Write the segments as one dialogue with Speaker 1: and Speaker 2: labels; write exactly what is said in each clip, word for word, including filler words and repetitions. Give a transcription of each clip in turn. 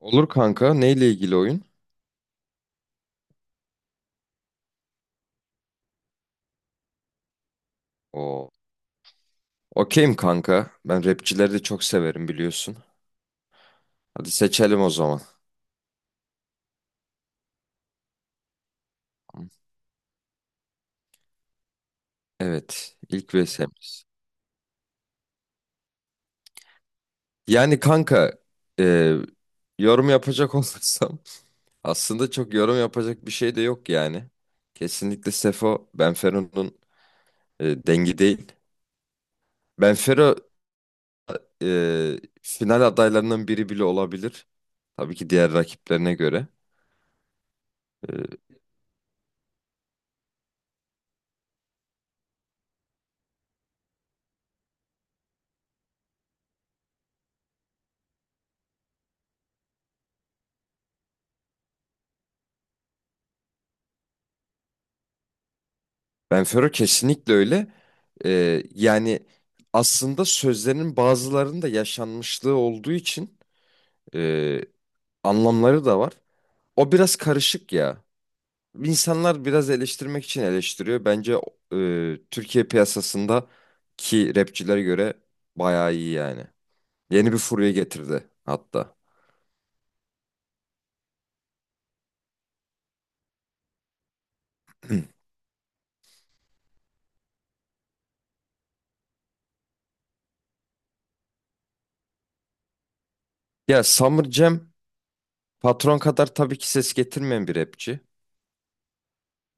Speaker 1: Olur kanka. Neyle ilgili oyun? Oo. Okeyim kanka. Ben rapçileri de çok severim biliyorsun. Hadi seçelim o zaman. Evet. ilk V S'miz. Yani kanka e, yorum yapacak olursam aslında çok yorum yapacak bir şey de yok yani. Kesinlikle Sefo Benfero'nun e, dengi değil. Benfero e, final adaylarından biri bile olabilir. Tabii ki diğer rakiplerine göre. E, Benfero kesinlikle öyle. Ee, yani aslında sözlerinin bazılarında yaşanmışlığı olduğu için e, anlamları da var. O biraz karışık ya. İnsanlar biraz eleştirmek için eleştiriyor. Bence e, Türkiye piyasasında ki rapçilere göre bayağı iyi yani. Yeni bir furya getirdi hatta. Ya Summer Cem Patron kadar tabii ki ses getirmeyen bir rapçi.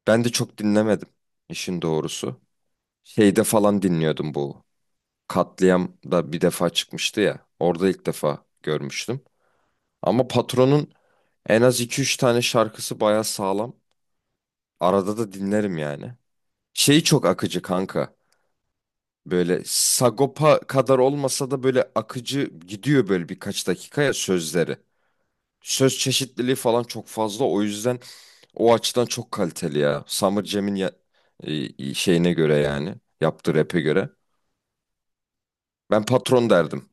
Speaker 1: Ben de çok dinlemedim işin doğrusu. Şeyde falan dinliyordum bu. Katliam da bir defa çıkmıştı ya. Orada ilk defa görmüştüm. Ama Patron'un en az iki üç tane şarkısı baya sağlam. Arada da dinlerim yani. Şeyi çok akıcı kanka. Böyle Sagopa kadar olmasa da böyle akıcı gidiyor böyle birkaç dakikaya sözleri. Söz çeşitliliği falan çok fazla. O yüzden o açıdan çok kaliteli ya. Summer Jam'in ya- e, şeyine göre yani. Yaptığı rap'e göre. Ben patron derdim.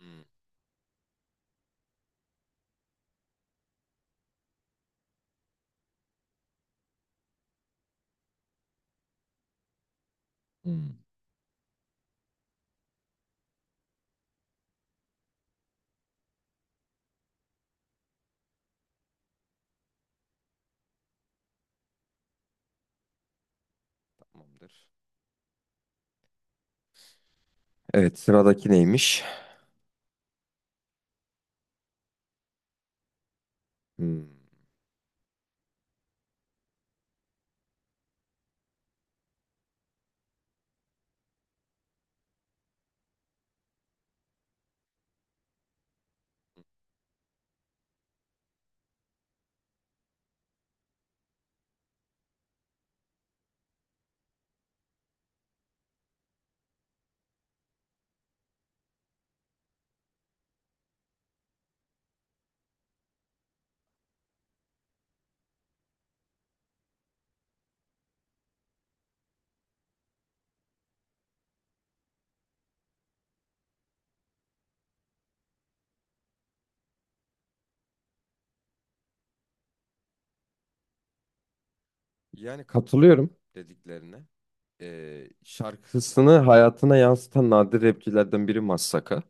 Speaker 1: Hmm. Hmm. Tamamdır. Evet, sıradaki neymiş? Hmm. Yani katılıyorum dediklerine. Ee, şarkısını hayatına yansıtan nadir rapçilerden biri Massaka.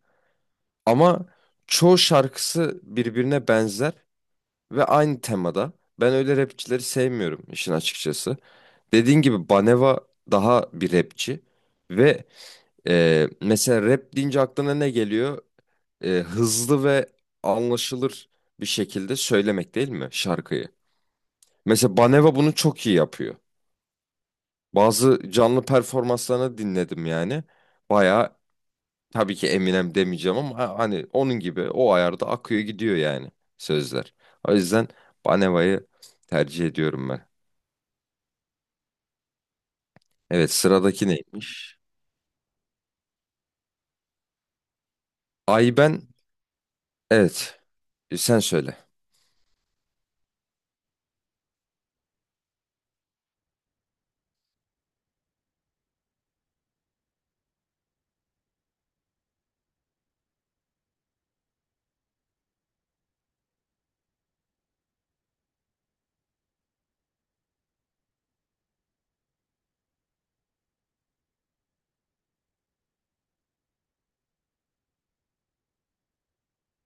Speaker 1: Ama çoğu şarkısı birbirine benzer ve aynı temada. Ben öyle rapçileri sevmiyorum işin açıkçası. Dediğin gibi Baneva daha bir rapçi. Ve e, mesela rap deyince aklına ne geliyor? E, hızlı ve anlaşılır bir şekilde söylemek değil mi şarkıyı? Mesela Baneva bunu çok iyi yapıyor. Bazı canlı performanslarını dinledim yani. Baya tabii ki Eminem demeyeceğim ama ha- hani onun gibi o ayarda akıyor gidiyor yani sözler. O yüzden Baneva'yı tercih ediyorum ben. Evet sıradaki neymiş? Ay ben evet, e, sen söyle.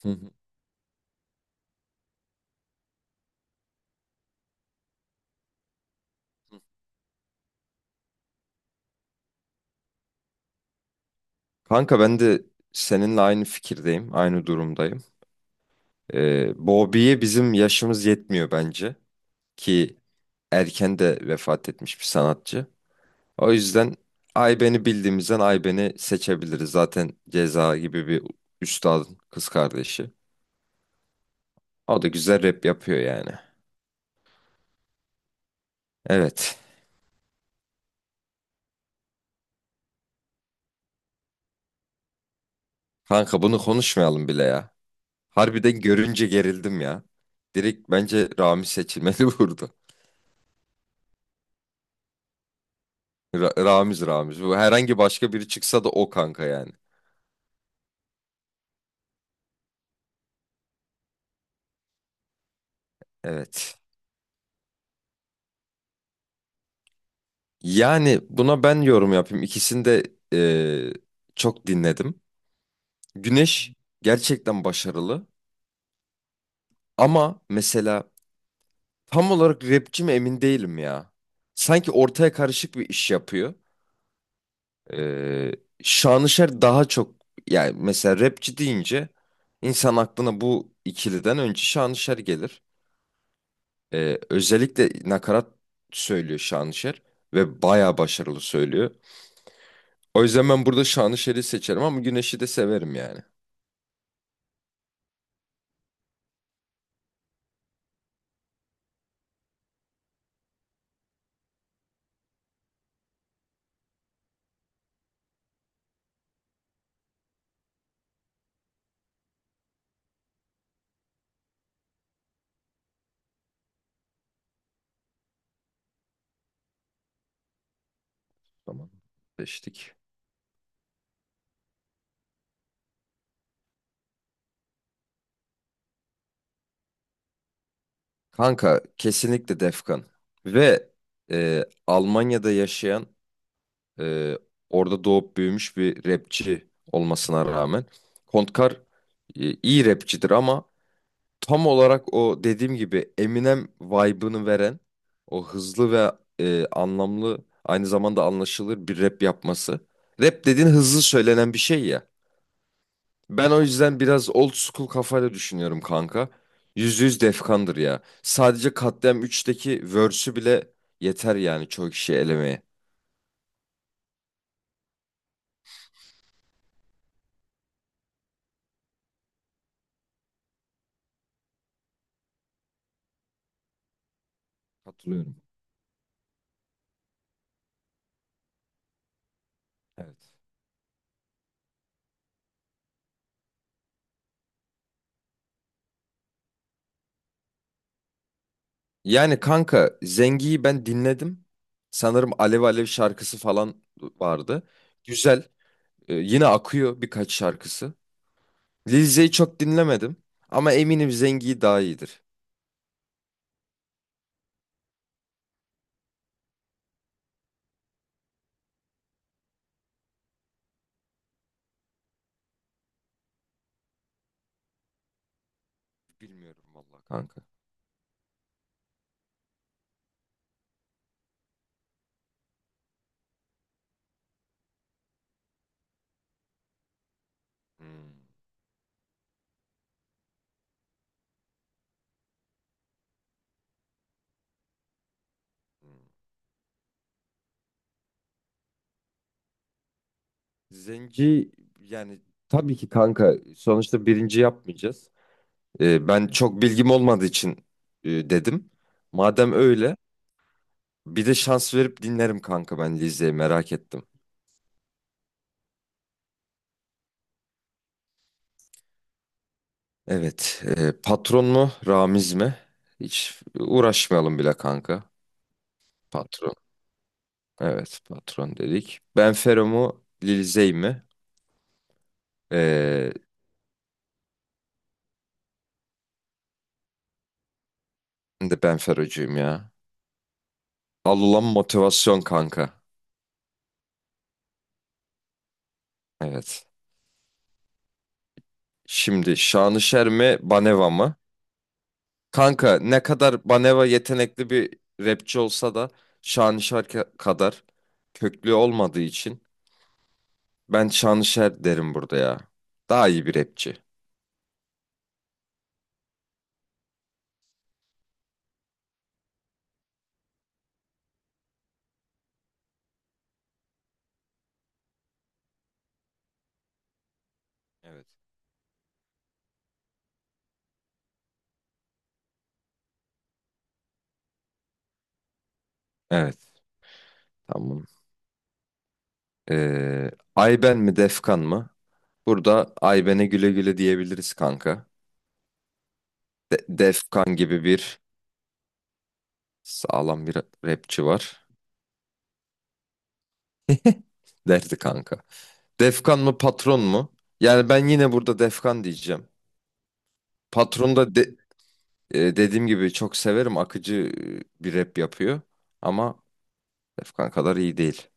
Speaker 1: Hı hı. Kanka ben de seninle aynı fikirdeyim, aynı durumdayım. Ee, Bobby'ye bizim yaşımız yetmiyor bence ki erken de vefat etmiş bir sanatçı. O yüzden Ayben'i bildiğimizden Ayben'i seçebiliriz. Zaten Ceza gibi bir üstadın kız kardeşi. O da güzel rap yapıyor yani. Evet. Kanka bunu konuşmayalım bile ya. Harbiden görünce gerildim ya. Direkt bence Ramiz seçilmeli burada. Ra- Ramiz Ramiz. Bu herhangi başka biri çıksa da o kanka yani. Evet. Yani buna ben yorum yapayım. İkisini de eee, çok dinledim. Güneş gerçekten başarılı. Ama mesela tam olarak rapçi mi emin değilim ya. Sanki ortaya karışık bir iş yapıyor. Ee, Şanışer daha çok yani mesela rapçi deyince insan aklına bu ikiliden önce Şanışer gelir. Ee, özellikle nakarat söylüyor Şanışer ve bayağı başarılı söylüyor. O yüzden ben burada Şanışer'i seçerim ama Güneş'i de severim yani. Tamam. Seçtik. Kanka kesinlikle Defkan. Ve e, Almanya'da yaşayan, Ee, orada doğup büyümüş bir rapçi olmasına rağmen. Kontkar e, iyi rapçidir ama tam olarak o dediğim gibi Eminem vibe'ını veren o hızlı ve e, anlamlı aynı zamanda anlaşılır bir rap yapması. Rap dediğin hızlı söylenen bir şey ya. Ben o yüzden biraz old school kafayla düşünüyorum kanka. Yüzde yüz Defkan'dır ya. Sadece Katliam üçteki verse'ü bile yeter yani çoğu kişiyi elemeye. Katılıyorum. Evet. Yani kanka Zengi'yi ben dinledim. Sanırım Alev Alev şarkısı falan vardı. Güzel. Ee, yine akıyor birkaç şarkısı. Lil Zey'i çok dinlemedim. Ama eminim Zengi daha iyidir. Bilmiyorum vallahi kanka. Hmm, hmm. Zengi yani tabii ki kanka sonuçta birinci yapmayacağız. Ee, ben çok bilgim olmadığı için e, dedim. Madem öyle bir de şans verip dinlerim kanka ben Lizeyi. Merak ettim. Evet. e, patron mu? Ramiz mi? Hiç uğraşmayalım bile kanka. Patron. Evet patron dedik. Benfero mu? Lil Zey mi? Ee, ben de Benferocuyum ya. Al ulan motivasyon kanka. Evet. Şimdi Şanışer mi? Baneva mı? Kanka ne kadar Baneva yetenekli bir rapçi olsa da Şanışer ka- kadar köklü olmadığı için ben Şanışer derim burada ya. Daha iyi bir rapçi. Evet. Evet. Tamam. Ee, Ayben mi Defkan mı? Burada Ayben'e güle güle diyebiliriz kanka. De- Defkan gibi bir sağlam bir rapçi var. Derdi kanka. Defkan mı patron mu? Yani ben yine burada Defkan diyeceğim. Patron da de- e, dediğim gibi çok severim. Akıcı e, bir rap yapıyor. Ama Defkan kadar iyi değil.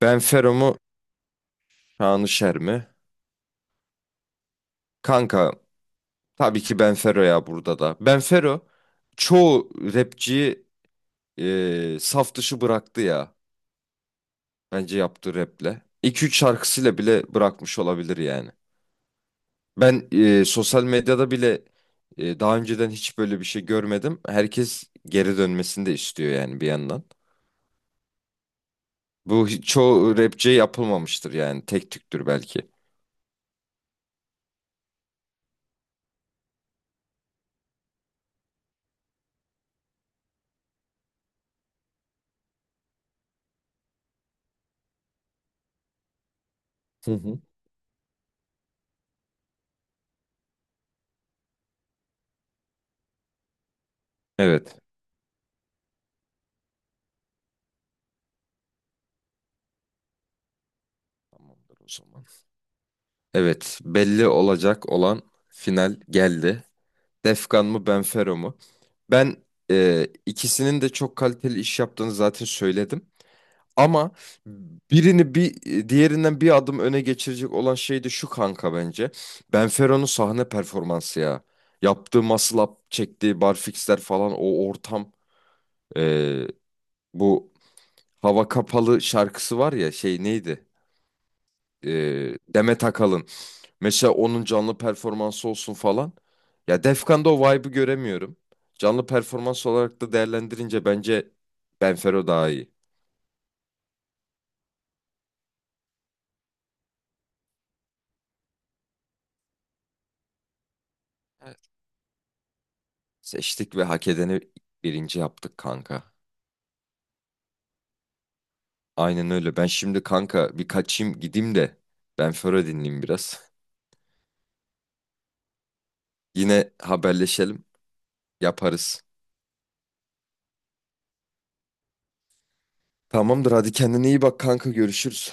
Speaker 1: Benfero mu Şanışer mi? Kanka tabii ki Benfero ya burada da. Benfero çoğu rapçiyi e, saf dışı bıraktı ya. Bence yaptığı raple. İki üç şarkısıyla bile bırakmış olabilir yani. Ben e, sosyal medyada bile e, daha önceden hiç böyle bir şey görmedim. Herkes geri dönmesini de istiyor yani bir yandan. Bu hiç- çoğu rapçiye yapılmamıştır yani. Tek tüktür belki. Hı hı. Evet. Tamamdır o zaman. Evet, belli olacak olan final geldi. Defkan mı Benfero mu? Ben e, ikisinin de çok kaliteli iş yaptığını zaten söyledim. Ama birini bir diğerinden bir adım öne geçirecek olan şey de şu kanka bence. Benfero'nun sahne performansı ya. Yaptığı muscle up, çektiği barfixler falan o ortam. Ee, bu Hava Kapalı şarkısı var ya şey neydi? Ee, Demet Akalın. Mesela onun canlı performansı olsun falan. Ya Defkan'da o vibe'ı göremiyorum. Canlı performans olarak da değerlendirince bence Benfero daha iyi. Seçtik ve hak edeni birinci yaptık kanka. Aynen öyle. Ben şimdi kanka bir kaçayım gideyim de ben Föro dinleyeyim biraz. Yine haberleşelim. Yaparız. Tamamdır hadi kendine iyi bak kanka görüşürüz.